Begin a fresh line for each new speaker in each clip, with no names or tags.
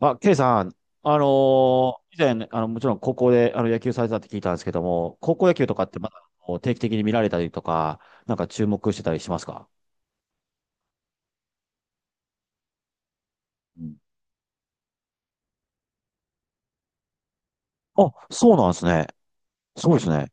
あ、ケイさん、以前、もちろん高校で野球されてたって聞いたんですけども、高校野球とかってまだこう定期的に見られたりとか、なんか注目してたりしますか？うん。あ、そうなんですね。そうですね。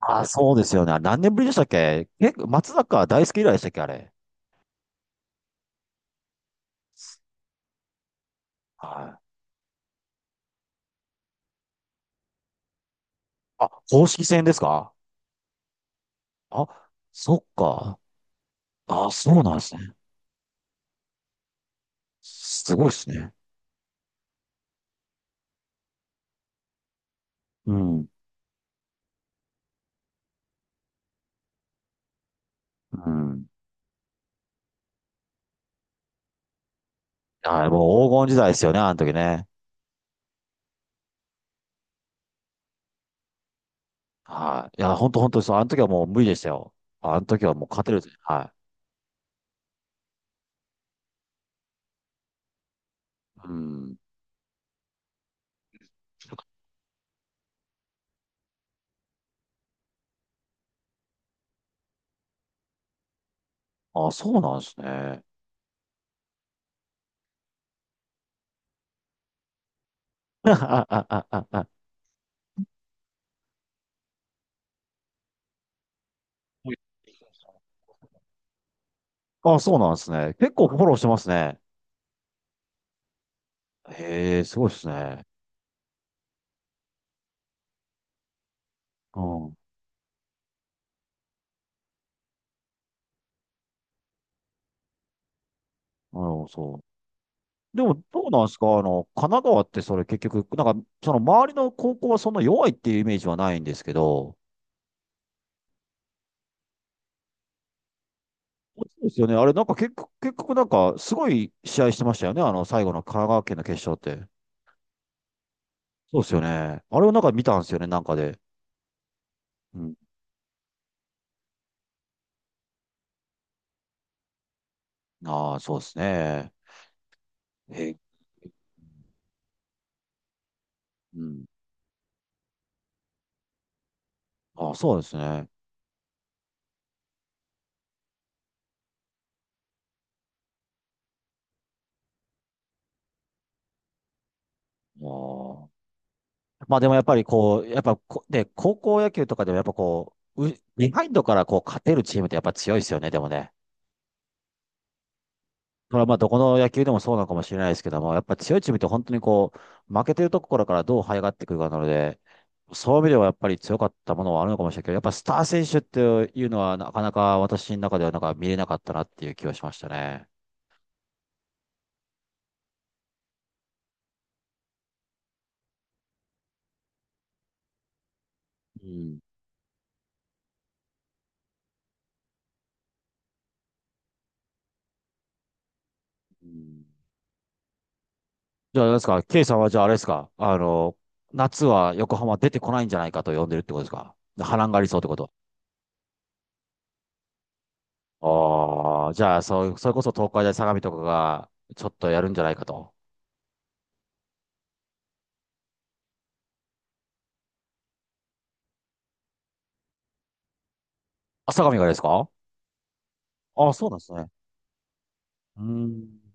あ、そうですよね。あ、何年ぶりでしたっけ？結松坂大輔以来でしたっけ、あれ。はい。あ、公式戦ですか？あ、そっか。あ、そうなんですね。すごいですね。うん。うん。あ、もう黄金時代ですよね、あの時ね。はい。いや、本当本当にそう。あの時はもう無理でしたよ。あの時はもう勝てるはい。うん。あ、そうなんですね。あ、そうなんですね。結構フォローしてますね。へえ、すごいですね。うん。うん、そう。でも、どうなんですか、神奈川ってそれ結局、その周りの高校はそんな弱いっていうイメージはないんですけど、そうですよね。あれ、なんか結局、結局なんか、すごい試合してましたよね。あの、最後の神奈川県の決勝って。そうですよね。あれをなんか見たんですよね、なんかで。うん。ああ、そうですね。え、うん。ああ、そうですね。ああ。まあでもやっぱりこう、やっぱこ、で、高校野球とかでもやっぱこう、ビハインドからこう勝てるチームってやっぱ強いですよね、でもね。これはまあどこの野球でもそうなのかもしれないですけども、やっぱ強いチームって本当にこう、負けてるところからどう這い上がってくるかなので、そういう意味ではやっぱり強かったものはあるのかもしれないけど、やっぱスター選手っていうのはなかなか私の中ではなんか見れなかったなっていう気はしましたね。うん。うん。じゃあ、あれですか、ケイさんはじゃああれですか、夏は横浜出てこないんじゃないかと呼んでるってことですか？波乱がありそうってこと。ああ、じゃあ、そう、それこそ東海大相模とかが、ちょっとやるんじゃないかと。あ、相模がですか？ああ、そうなんですね。うーん。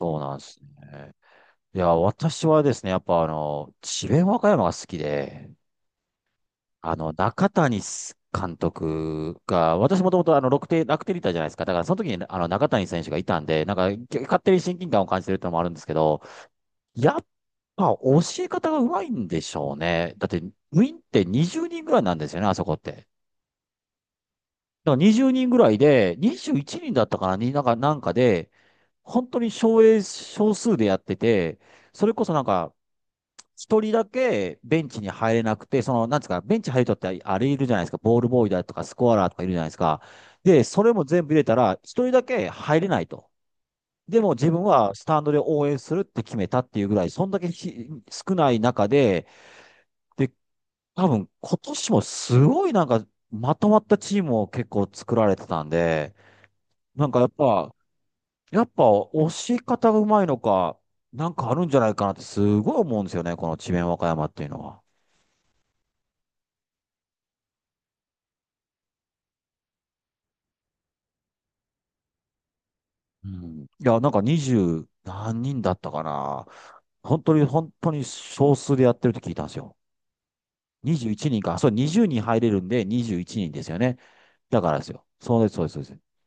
そうなんですね。いや、私はですね、やっぱあの、智弁和歌山が好きで、中谷監督が、私もともと楽天、楽天リーターじゃないですか。だからその時に中谷選手がいたんで、なんか、勝手に親近感を感じてるってのもあるんですけど、やっぱ教え方がうまいんでしょうね。だって、ウィーンって20人ぐらいなんですよね、あそこって。だから20人ぐらいで、21人だったかな、になんか、なんかで、本当に少英少数でやってて、それこそなんか、一人だけベンチに入れなくて、その、なんですか、ベンチ入るとってあれいるじゃないですか、ボールボーイだとかスコアラーとかいるじゃないですか。で、それも全部入れたら、一人だけ入れないと。でも自分はスタンドで応援するって決めたっていうぐらい、そんだけひ少ない中で、で、多分今年もすごいなんかまとまったチームを結構作られてたんで、なんかやっぱ、やっぱ押し方がうまいのか、なんかあるんじゃないかなってすごい思うんですよね、この智弁和歌山っていうのは。うん。いや、なんか二十何人だったかな。本当に本当に少数でやってるって聞いたんですよ。21人か。そう、20人入れるんで21人ですよね。だからですよ。そうです、そうです、そうです。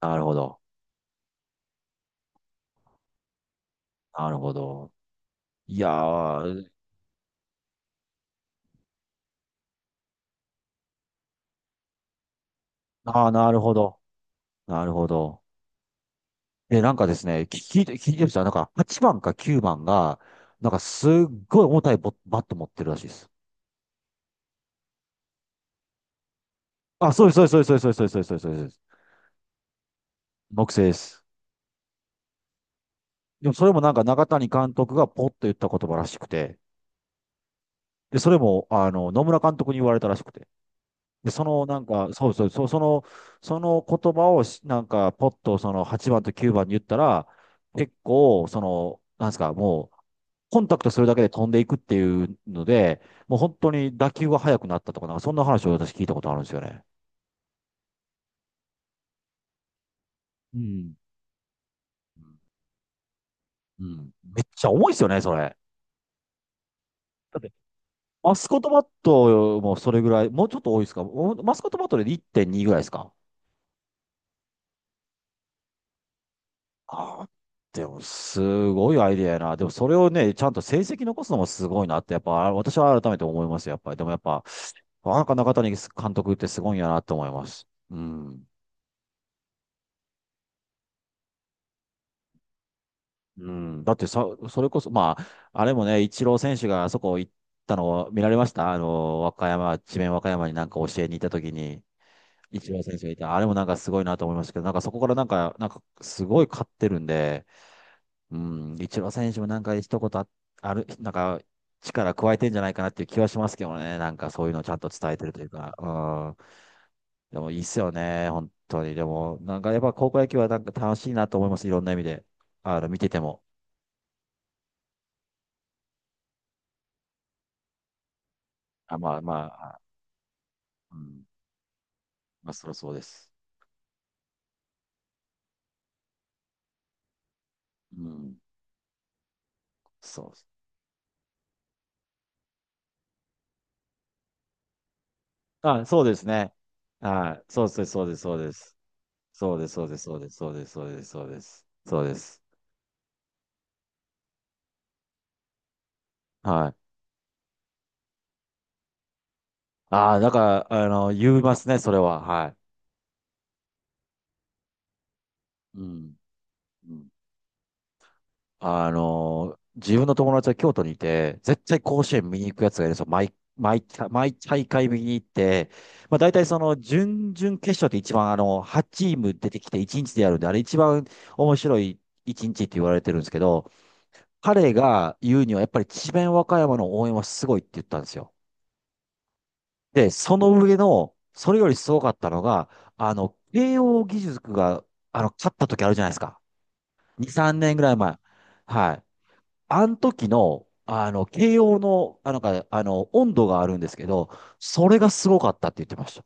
なるほど。なるほど。いやー、ああ、なるほど。なるほど。え、なんかですね、聞いてる人は、なんか8番か9番が、なんかすっごい重たいバット持ってるらしいです。あ、そうです、そうです、そうです、そうです、そうです、そうです、そうです。そう、木製です。でもそれもなんか中谷監督がポッと言った言葉らしくて、で、それも、野村監督に言われたらしくて、で、そのなんか、そうそう、そう、その、その言葉をしなんか、ポッとその8番と9番に言ったら、結構、なんですか、もう、コンタクトするだけで飛んでいくっていうので、もう本当に打球が速くなったとか、なんかそんな話を私聞いたことあるんですよね。うん。うん。めっちゃ重いですよね、それ。だって、マスコットバットもそれぐらい、もうちょっと多いですか？おマスコットバットで1.2ぐらいですか？ああ。でも、すごいアイデアやな。でも、それをね、ちゃんと成績残すのもすごいなって、やっぱ、あ、私は改めて思いますよ、やっぱり。でも、やっぱ、あ、なんか中谷監督ってすごいんやなって思います。うん。うん、だってさ、それこそ、まあ、あれもね、イチロー選手があそこ行ったのを見られました和歌山、智弁和歌山になんか教えに行った時に、イチロー選手がいた。あれもなんかすごいなと思いましたけど、なんかそこからなんか、なんかすごい勝ってるんで、うん、イチロー選手もなんか一言あ、ある、なんか力加えてんじゃないかなっていう気はしますけどね、なんかそういうのをちゃんと伝えてるというか、うん、でもいいっすよね、本当に。でも、なんかやっぱ高校野球はなんか楽しいなと思います、いろんな意味で。あの、見てても。あ、まあまうん。まあ、そりゃそうです。うん。そうです。あ、そうですね。はい。そうです、そうです、そうです。そうです、そうです、そうです、そうです、そうです、そうです。そうです。はい。ああ、だから、あの、言いますね、それは。はい。うん。うん。あの、自分の友達は京都にいて、絶対甲子園見に行くやつがいるんですよ。毎大会見に行って、まあ大体その準々決勝って一番あの、8チーム出てきて1日でやるんで、あれ一番面白い1日って言われてるんですけど、彼が言うには、やっぱり智弁和歌山の応援はすごいって言ったんですよ。で、その上の、それよりすごかったのが、あの、慶応義塾が、あの、勝った時あるじゃないですか。2、3年ぐらい前。はい。あの時の、あの、慶応の、あの、なんか、あの、温度があるんですけど、それがすごかったって言ってました。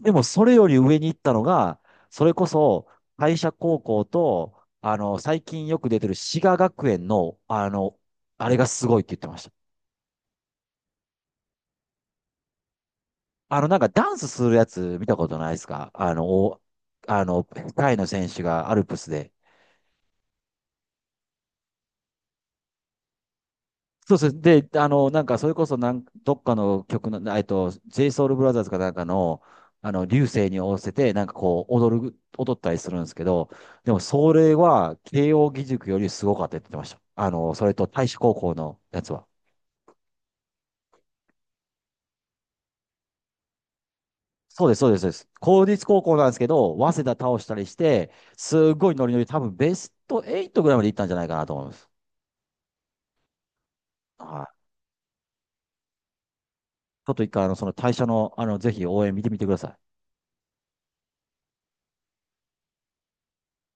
でも、それより上に行ったのが、それこそ、会社高校と、あの、最近よく出てる滋賀学園の、あの、あれがすごいって言ってました。あの、なんかダンスするやつ見たことないですか？あの、タイの選手がアルプスで。そうそうで、あの、なんかそれこそなん、どっかの曲の、JSOULBROTHERS かなんかの、あの、流星に合わせて、なんかこう、踊ったりするんですけど、でもそれは、慶応義塾よりすごかったって言ってました。あの、それと太子高校のやつは。そうです、そうです、そうです。公立高校なんですけど、早稲田倒したりして、すごいノリノリ、多分ベスト8ぐらいまで行ったんじゃないかなと思います。はい。ちょっと一回、あの、その退社の、あの、ぜひ応援見てみてください。